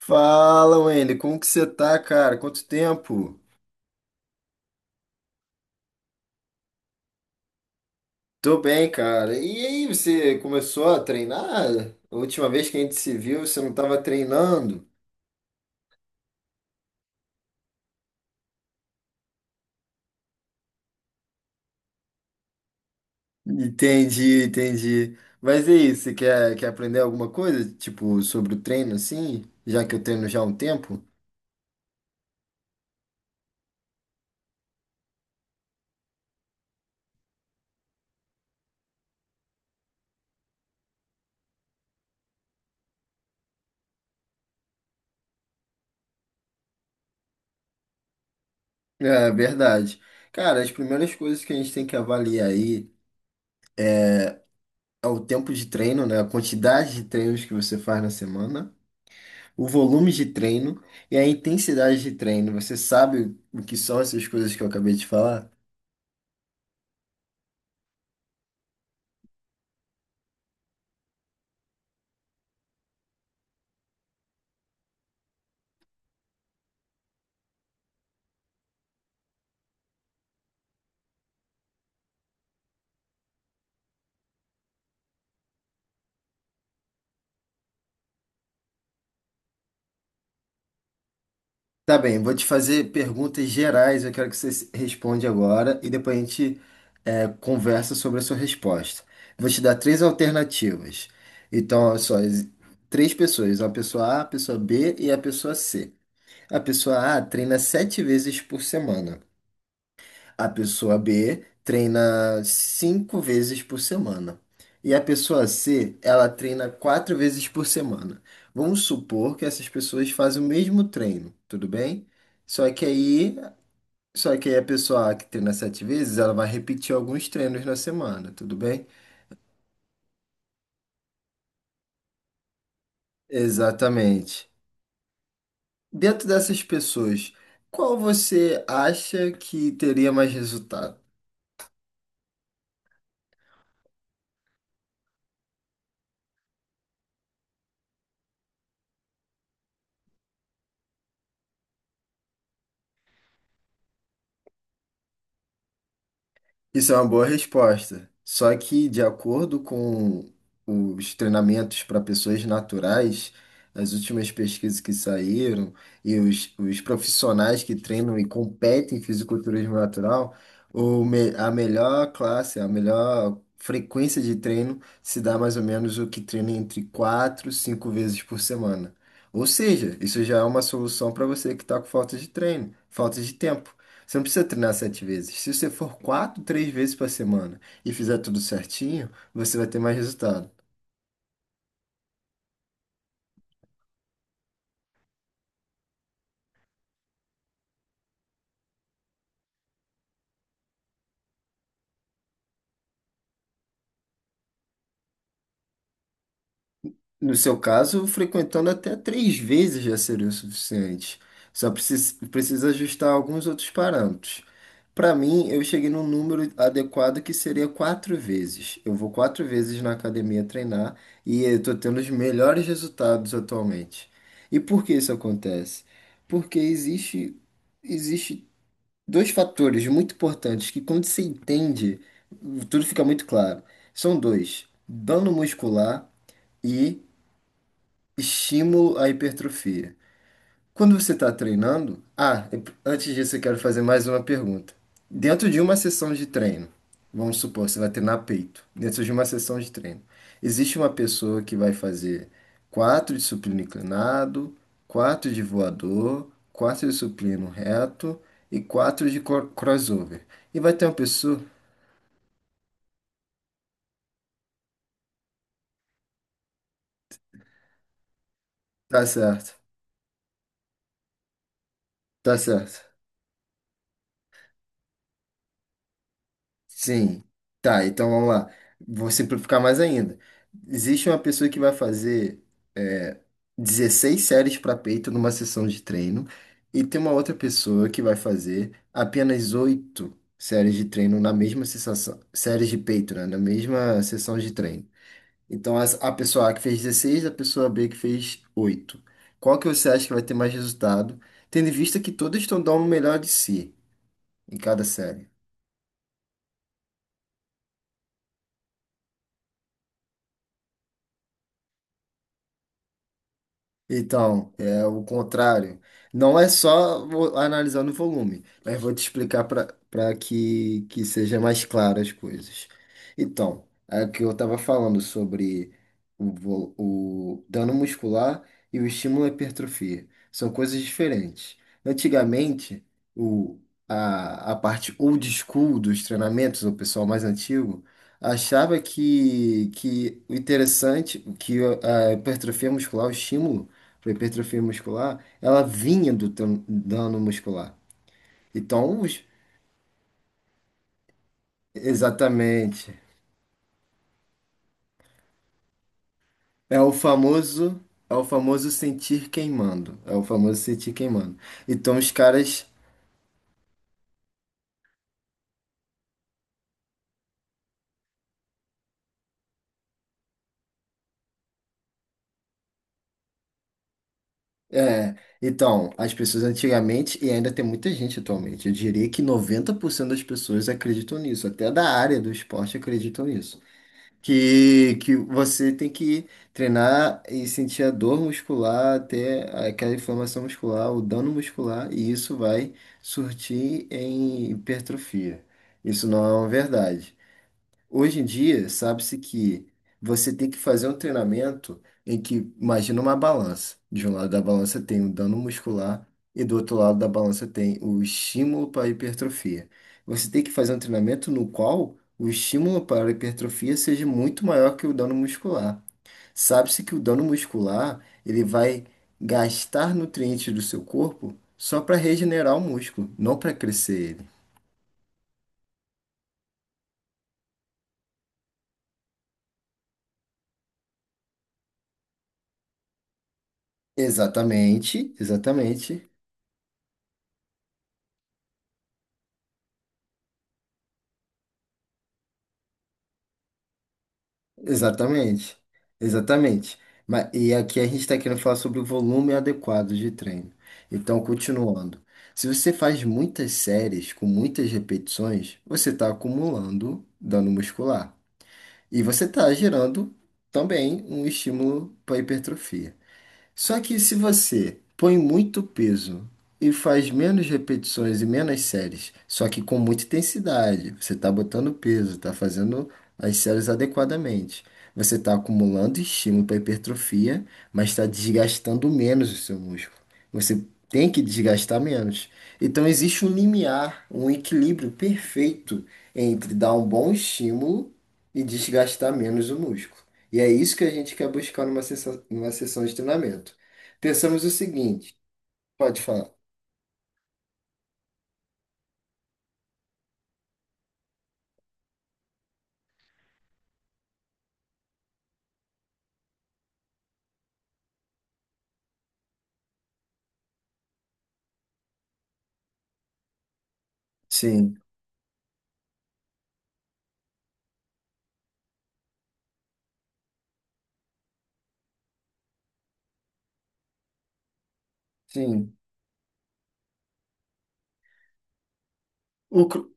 Fala, Wendy, como que você tá, cara? Quanto tempo? Tô bem, cara. E aí, você começou a treinar? A última vez que a gente se viu, você não tava treinando? Entendi, entendi. Mas e aí, você quer, aprender alguma coisa, tipo, sobre o treino, assim? Já que eu treino já há um tempo? É, verdade. Cara, as primeiras coisas que a gente tem que avaliar aí é o tempo de treino, né? A quantidade de treinos que você faz na semana, o volume de treino e a intensidade de treino. Você sabe o que são essas coisas que eu acabei de falar? Tá bem, vou te fazer perguntas gerais. Eu quero que você responda agora e depois a gente conversa sobre a sua resposta. Vou te dar três alternativas. Então, olha só, três pessoas: a pessoa A, a pessoa B e a pessoa C. A pessoa A treina sete vezes por semana. A pessoa B treina cinco vezes por semana. E a pessoa C, ela treina quatro vezes por semana. Vamos supor que essas pessoas fazem o mesmo treino, tudo bem? Só que aí, só que aí a pessoa A que treina sete vezes, ela vai repetir alguns treinos na semana, tudo bem? Exatamente. Dentro dessas pessoas, qual você acha que teria mais resultado? Isso é uma boa resposta. Só que, de acordo com os treinamentos para pessoas naturais, as últimas pesquisas que saíram e os profissionais que treinam e competem em fisiculturismo natural, a melhor classe, a melhor frequência de treino se dá mais ou menos o que treina entre quatro e 5 vezes por semana. Ou seja, isso já é uma solução para você que está com falta de treino, falta de tempo. Você não precisa treinar sete vezes. Se você for quatro, três vezes por semana e fizer tudo certinho, você vai ter mais resultado. No seu caso, frequentando até três vezes já seria o suficiente. Só precisa ajustar alguns outros parâmetros. Para mim, eu cheguei num número adequado que seria quatro vezes. Eu vou quatro vezes na academia treinar e eu estou tendo os melhores resultados atualmente. E por que isso acontece? Porque existe dois fatores muito importantes que, quando você entende, tudo fica muito claro. São dois: dano muscular e estímulo à hipertrofia. Quando você está treinando, antes disso eu quero fazer mais uma pergunta. Dentro de uma sessão de treino, vamos supor, você vai treinar peito. Dentro de uma sessão de treino, existe uma pessoa que vai fazer quatro de supino inclinado, quatro de voador, quatro de supino reto e quatro de crossover. E vai ter uma pessoa. Tá certo, tá certo. Sim. Tá, então vamos lá. Vou simplificar mais ainda. Existe uma pessoa que vai fazer é, 16 séries para peito numa sessão de treino, e tem uma outra pessoa que vai fazer apenas 8 séries de treino na mesma sessão, séries de peito, né, na mesma sessão de treino. Então a pessoa A que fez 16, a pessoa B que fez 8. Qual que você acha que vai ter mais resultado, tendo em vista que todas estão dando o melhor de si em cada série? Então, é o contrário. Não é só analisando o volume, mas vou te explicar para que seja mais claro as coisas. Então, é o que eu estava falando sobre o dano muscular e o estímulo à hipertrofia. São coisas diferentes. Antigamente, o, a parte old school dos treinamentos, o pessoal mais antigo, achava que o interessante, que a hipertrofia muscular, o estímulo, para hipertrofia muscular, ela vinha do dano muscular. Então, exatamente. É o famoso, é o famoso sentir queimando. É o famoso sentir queimando. Então, é, as pessoas antigamente, e ainda tem muita gente atualmente, eu diria que 90% das pessoas acreditam nisso, até da área do esporte acreditam nisso. Que você tem que treinar e sentir a dor muscular, até aquela inflamação muscular, o dano muscular, e isso vai surtir em hipertrofia. Isso não é uma verdade. Hoje em dia, sabe-se que você tem que fazer um treinamento em que, imagina uma balança. De um lado da balança tem o dano muscular e do outro lado da balança tem o estímulo para a hipertrofia. Você tem que fazer um treinamento no qual o estímulo para a hipertrofia seja muito maior que o dano muscular. Sabe-se que o dano muscular, ele vai gastar nutrientes do seu corpo só para regenerar o músculo, não para crescer ele. Exatamente, exatamente. Exatamente, exatamente. Mas, e aqui a gente está querendo falar sobre o volume adequado de treino. Então, continuando. Se você faz muitas séries com muitas repetições, você está acumulando dano muscular. E você está gerando também um estímulo para hipertrofia. Só que se você põe muito peso e faz menos repetições e menos séries, só que com muita intensidade, você está botando peso, está fazendo as séries adequadamente. Você está acumulando estímulo para hipertrofia, mas está desgastando menos o seu músculo. Você tem que desgastar menos. Então existe um limiar, um equilíbrio perfeito entre dar um bom estímulo e desgastar menos o músculo. E é isso que a gente quer buscar numa sessão de treinamento. Pensamos o seguinte, pode falar. Sim, sim. O, cro-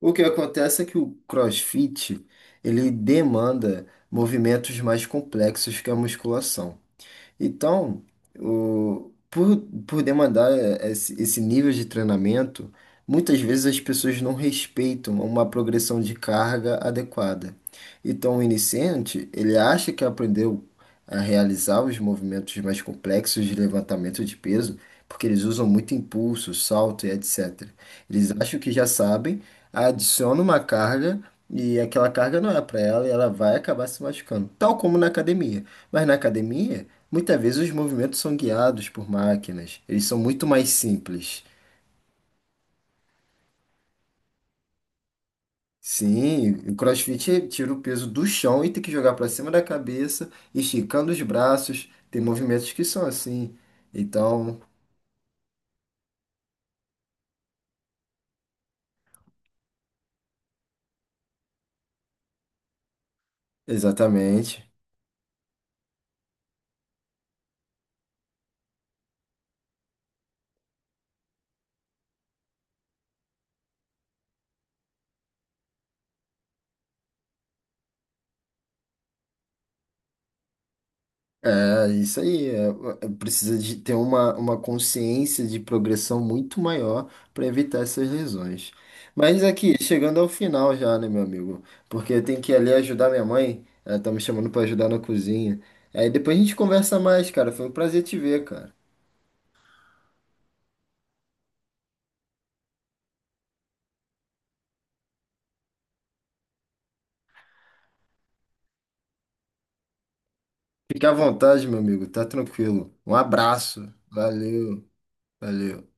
o que acontece é que o CrossFit, ele demanda movimentos mais complexos que a musculação. Então, o, por, por demandar esse nível de treinamento, muitas vezes as pessoas não respeitam uma progressão de carga adequada. Então, o iniciante, ele acha que aprendeu a realizar os movimentos mais complexos de levantamento de peso, porque eles usam muito impulso, salto e etc. Eles acham que já sabem, adicionam uma carga e aquela carga não é para ela e ela vai acabar se machucando, tal como na academia. Mas na academia, muitas vezes os movimentos são guiados por máquinas, eles são muito mais simples. Sim, o CrossFit tira o peso do chão e tem que jogar para cima da cabeça, esticando os braços. Tem movimentos que são assim. Então, exatamente. É isso aí, precisa de ter uma consciência de progressão muito maior para evitar essas lesões. Mas aqui, chegando ao final já, né, meu amigo? Porque eu tenho que ir ali ajudar minha mãe, ela tá me chamando para ajudar na cozinha. Aí depois a gente conversa mais, cara. Foi um prazer te ver, cara. Fique à vontade, meu amigo, tá tranquilo. Um abraço, valeu, valeu.